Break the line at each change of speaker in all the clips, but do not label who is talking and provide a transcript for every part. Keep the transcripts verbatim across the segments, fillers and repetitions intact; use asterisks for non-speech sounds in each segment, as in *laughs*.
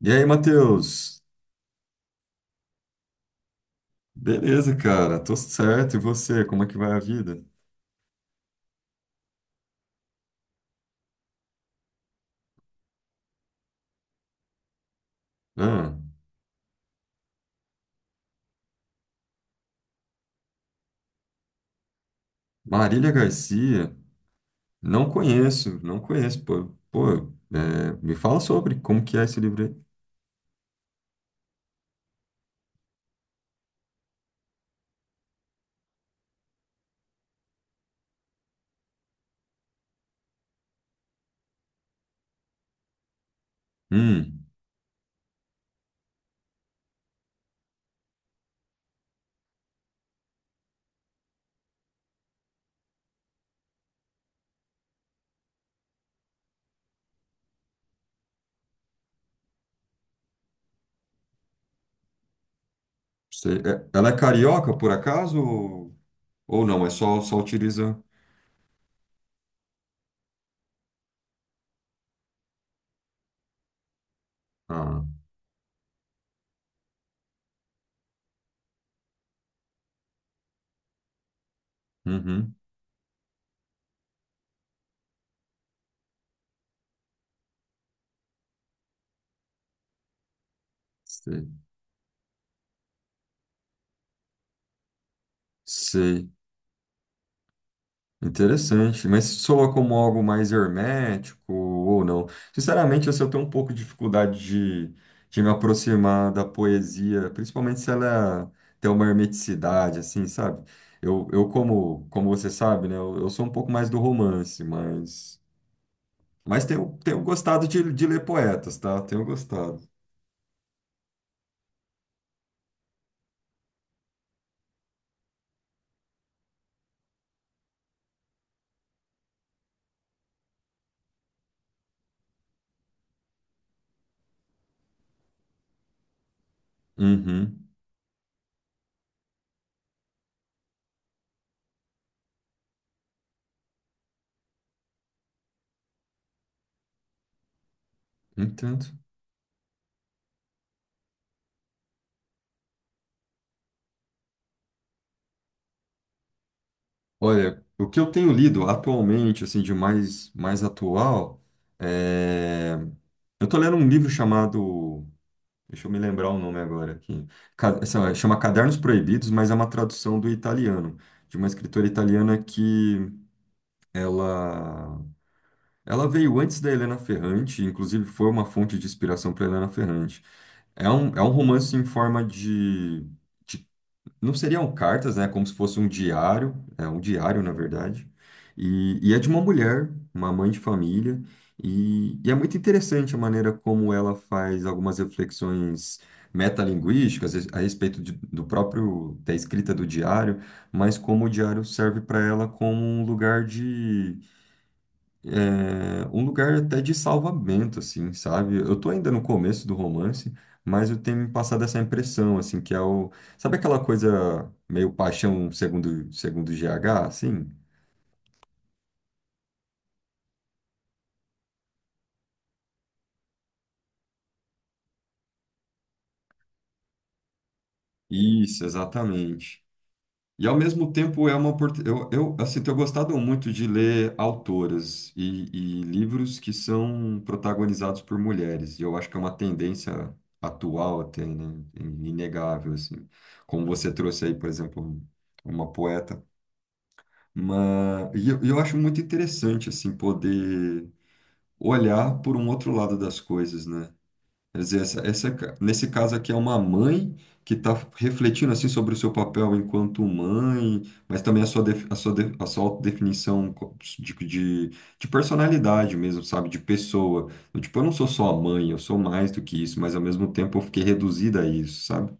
E aí, Matheus? Beleza, cara, tô certo. E você, como é que vai a vida? Ah, Marília Garcia, não conheço, não conheço, pô. Pô, é, me fala sobre como que é esse livro aí. Hum, sei- é- ela é carioca, por acaso? Ou, ou não, é só, só utiliza... Ah, uhum, sei, sei. Interessante, mas soa como algo mais hermético ou não? Sinceramente, assim, eu tenho um pouco de dificuldade de, de me aproximar da poesia, principalmente se ela tem uma hermeticidade, assim, sabe? Eu, eu como, como você sabe, né, eu, eu sou um pouco mais do romance, mas, mas tenho, tenho gostado de, de ler poetas, tá? Tenho gostado. Uhum, entendo. Olha, o que eu tenho lido atualmente, assim, de mais, mais atual, é. Eu tô lendo um livro chamado, deixa eu me lembrar o nome agora aqui, Ca- essa- chama Cadernos Proibidos, mas é uma tradução do italiano, de uma escritora italiana que ela ela veio antes da Helena Ferrante, inclusive foi uma fonte de inspiração para Helena Ferrante. É um, é um romance em forma de, de não seriam cartas, né? Como se fosse um diário, é um diário, na verdade. E, e é de uma mulher, uma mãe de família, e, e é muito interessante a maneira como ela faz algumas reflexões metalinguísticas a respeito de- do próprio, da escrita do diário, mas como o diário serve para ela como um lugar um lugar até de salvamento, assim, sabe? Eu tô ainda no começo do romance, mas eu tenho me passado essa impressão, assim, que é o... Sabe aquela coisa meio paixão segundo, segundo G H assim? Isso, exatamente. E ao mesmo tempo é uma oportunidade... Eu, eu, assim, tenho gostado muito de ler autoras e, e livros que são protagonizados por mulheres. E eu acho que é uma tendência atual até, né? Inegável, assim. Como você trouxe aí, por exemplo, uma poeta. Mas e eu, eu acho muito interessante assim poder olhar por um outro lado das coisas, né? Quer dizer, essa, essa, ca- nesse caso aqui é uma mãe que está refletindo assim sobre o seu papel enquanto mãe, mas também a sua, def- a sua, de- a sua autodefinição co- de, de, de personalidade mesmo, sabe? De pessoa. Eu, tipo, eu não sou só a mãe, eu sou mais do que isso, mas ao mesmo tempo eu fiquei reduzida a isso, sabe?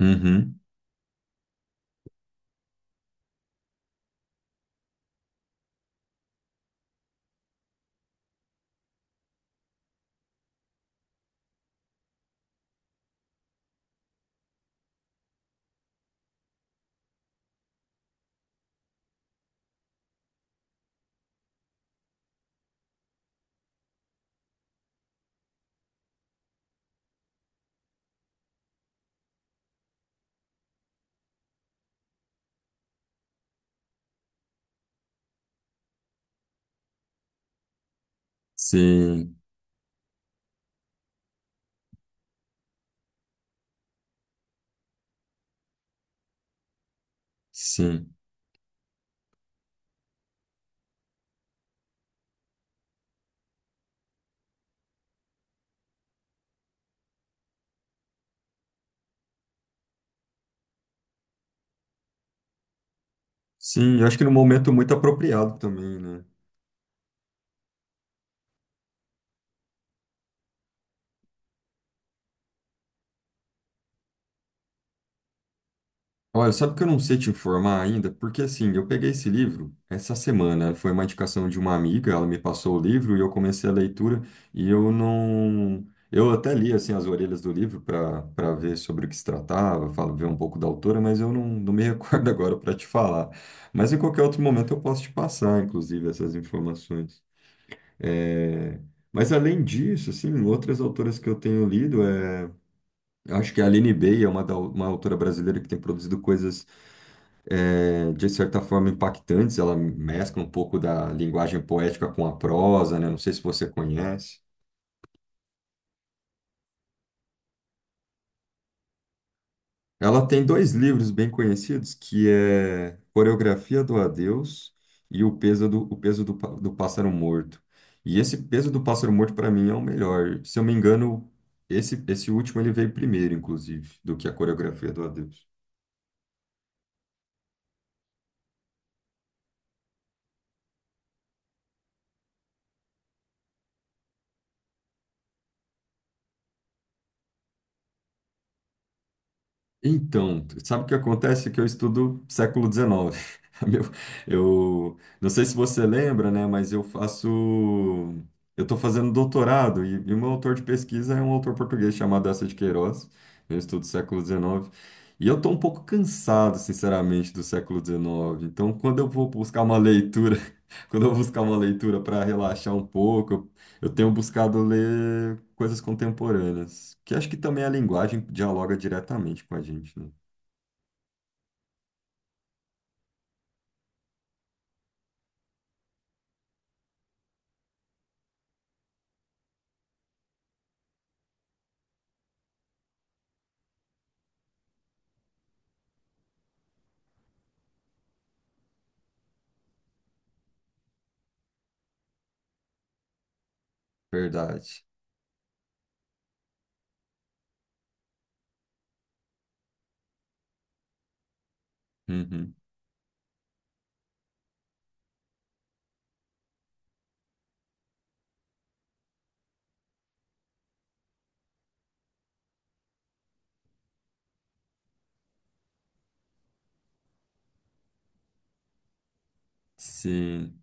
Uhum. Sim, sim. Sim, eu acho que no momento muito apropriado também, né? Olha, sabe que eu não sei te informar ainda? Porque assim, eu peguei esse livro essa semana, né? Foi uma indicação de uma amiga, ela me passou o livro e eu comecei a leitura e eu não. Eu até li assim as orelhas do livro para para ver sobre o que se tratava, falo, ver um pouco da autora, mas eu não, não me *laughs* recordo agora para te falar. Mas em qualquer outro momento eu posso te passar, inclusive, essas informações. É, mas além disso, assim, outras autoras que eu tenho lido é eu acho que a Aline Bey é uma, da- uma autora brasileira que tem produzido coisas, eh, de certa forma, impactantes. Ela mescla um pouco da linguagem poética com a prosa, né? Não sei se você conhece. Ela tem dois livros bem conhecidos, que é Coreografia do Adeus e O Peso do, o Peso do, Pá- do Pássaro Morto. E esse Peso do Pássaro Morto, para mim, é o melhor. Se eu me engano, esse, esse último ele veio primeiro, inclusive, do que a Coreografia do Adeus. Então, sabe o que acontece? Que eu estudo século dezenove. *laughs* Meu, eu não sei se você lembra, né? Mas eu faço. Eu estou fazendo doutorado e, e o meu autor de pesquisa é um autor português chamado Eça de Queiroz. Eu estudo século dezenove. E eu estou um pouco cansado, sinceramente, do século dezenove. Então, quando eu vou buscar uma leitura, *laughs* quando eu vou buscar uma leitura para relaxar um pouco, eu tenho buscado ler coisas contemporâneas, que acho que também a linguagem dialoga diretamente com a gente, né? Verdade. Uhum. Sim.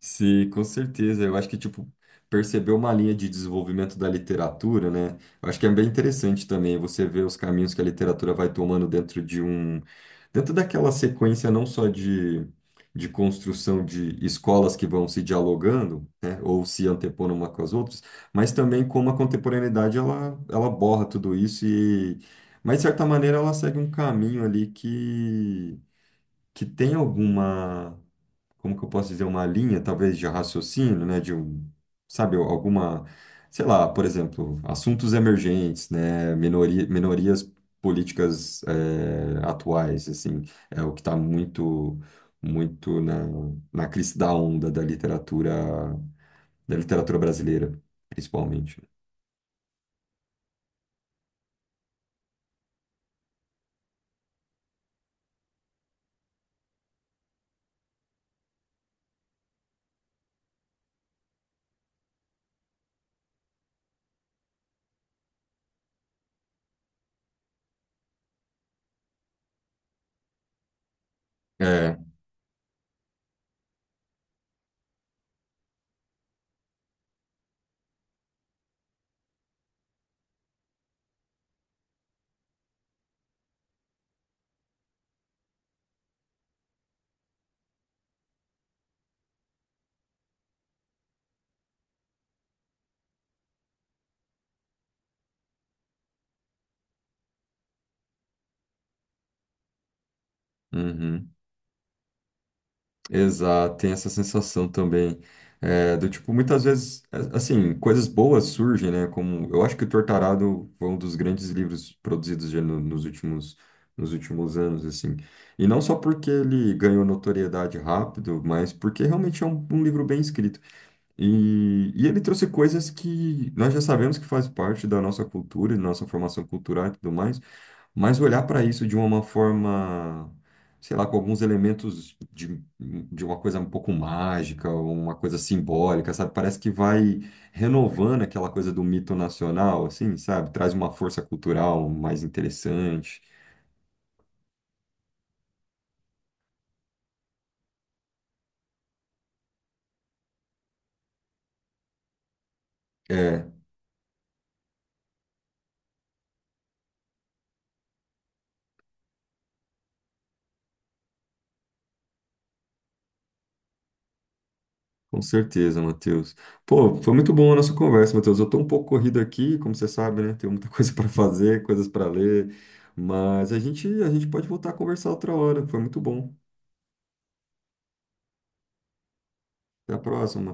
Sim, com certeza. Eu acho que, tipo, perceber uma linha de desenvolvimento da literatura, né? Eu acho que é bem interessante também você ver os caminhos que a literatura vai tomando dentro de um... Dentro daquela sequência não só de, de construção de escolas que vão se dialogando, né? Ou se antepondo uma com as outras, mas também como a contemporaneidade, ela, ela borra tudo isso e... Mas, de certa maneira, ela segue um caminho ali que... que tem alguma como que eu posso dizer, uma linha, talvez, de raciocínio, né? De um, sabe, alguma, sei lá, por exemplo, assuntos emergentes, né? Minoria, minorias políticas eh, atuais, assim, é o que está muito, muito na, na crista da onda da literatura, da literatura brasileira, principalmente. É. Uhum. Exato, tem essa sensação também. É, do tipo, muitas vezes, a- assim, coisas boas surgem, né? Como eu acho que o Tortarado foi um dos grandes livros produzidos já no- nos últimos, nos últimos anos, assim. E não só porque ele ganhou notoriedade rápido, mas porque realmente é um, um livro bem escrito. E, e ele trouxe coisas que nós já sabemos que faz parte da nossa cultura, e da nossa formação cultural e tudo mais. Mas olhar para isso de uma forma, sei lá, com alguns elementos de, de uma coisa um pouco mágica, uma coisa simbólica, sabe? Parece que vai renovando aquela coisa do mito nacional, assim, sabe? Traz uma força cultural mais interessante. É, com certeza, Matheus. Pô, foi muito bom a nossa conversa, Matheus. Eu tô um pouco corrido aqui, como você sabe, né? Tenho muita *laughs* coisa para fazer, coisas para ler, mas a gente, a gente pode voltar a conversar outra hora. Foi muito bom. Até a próxima,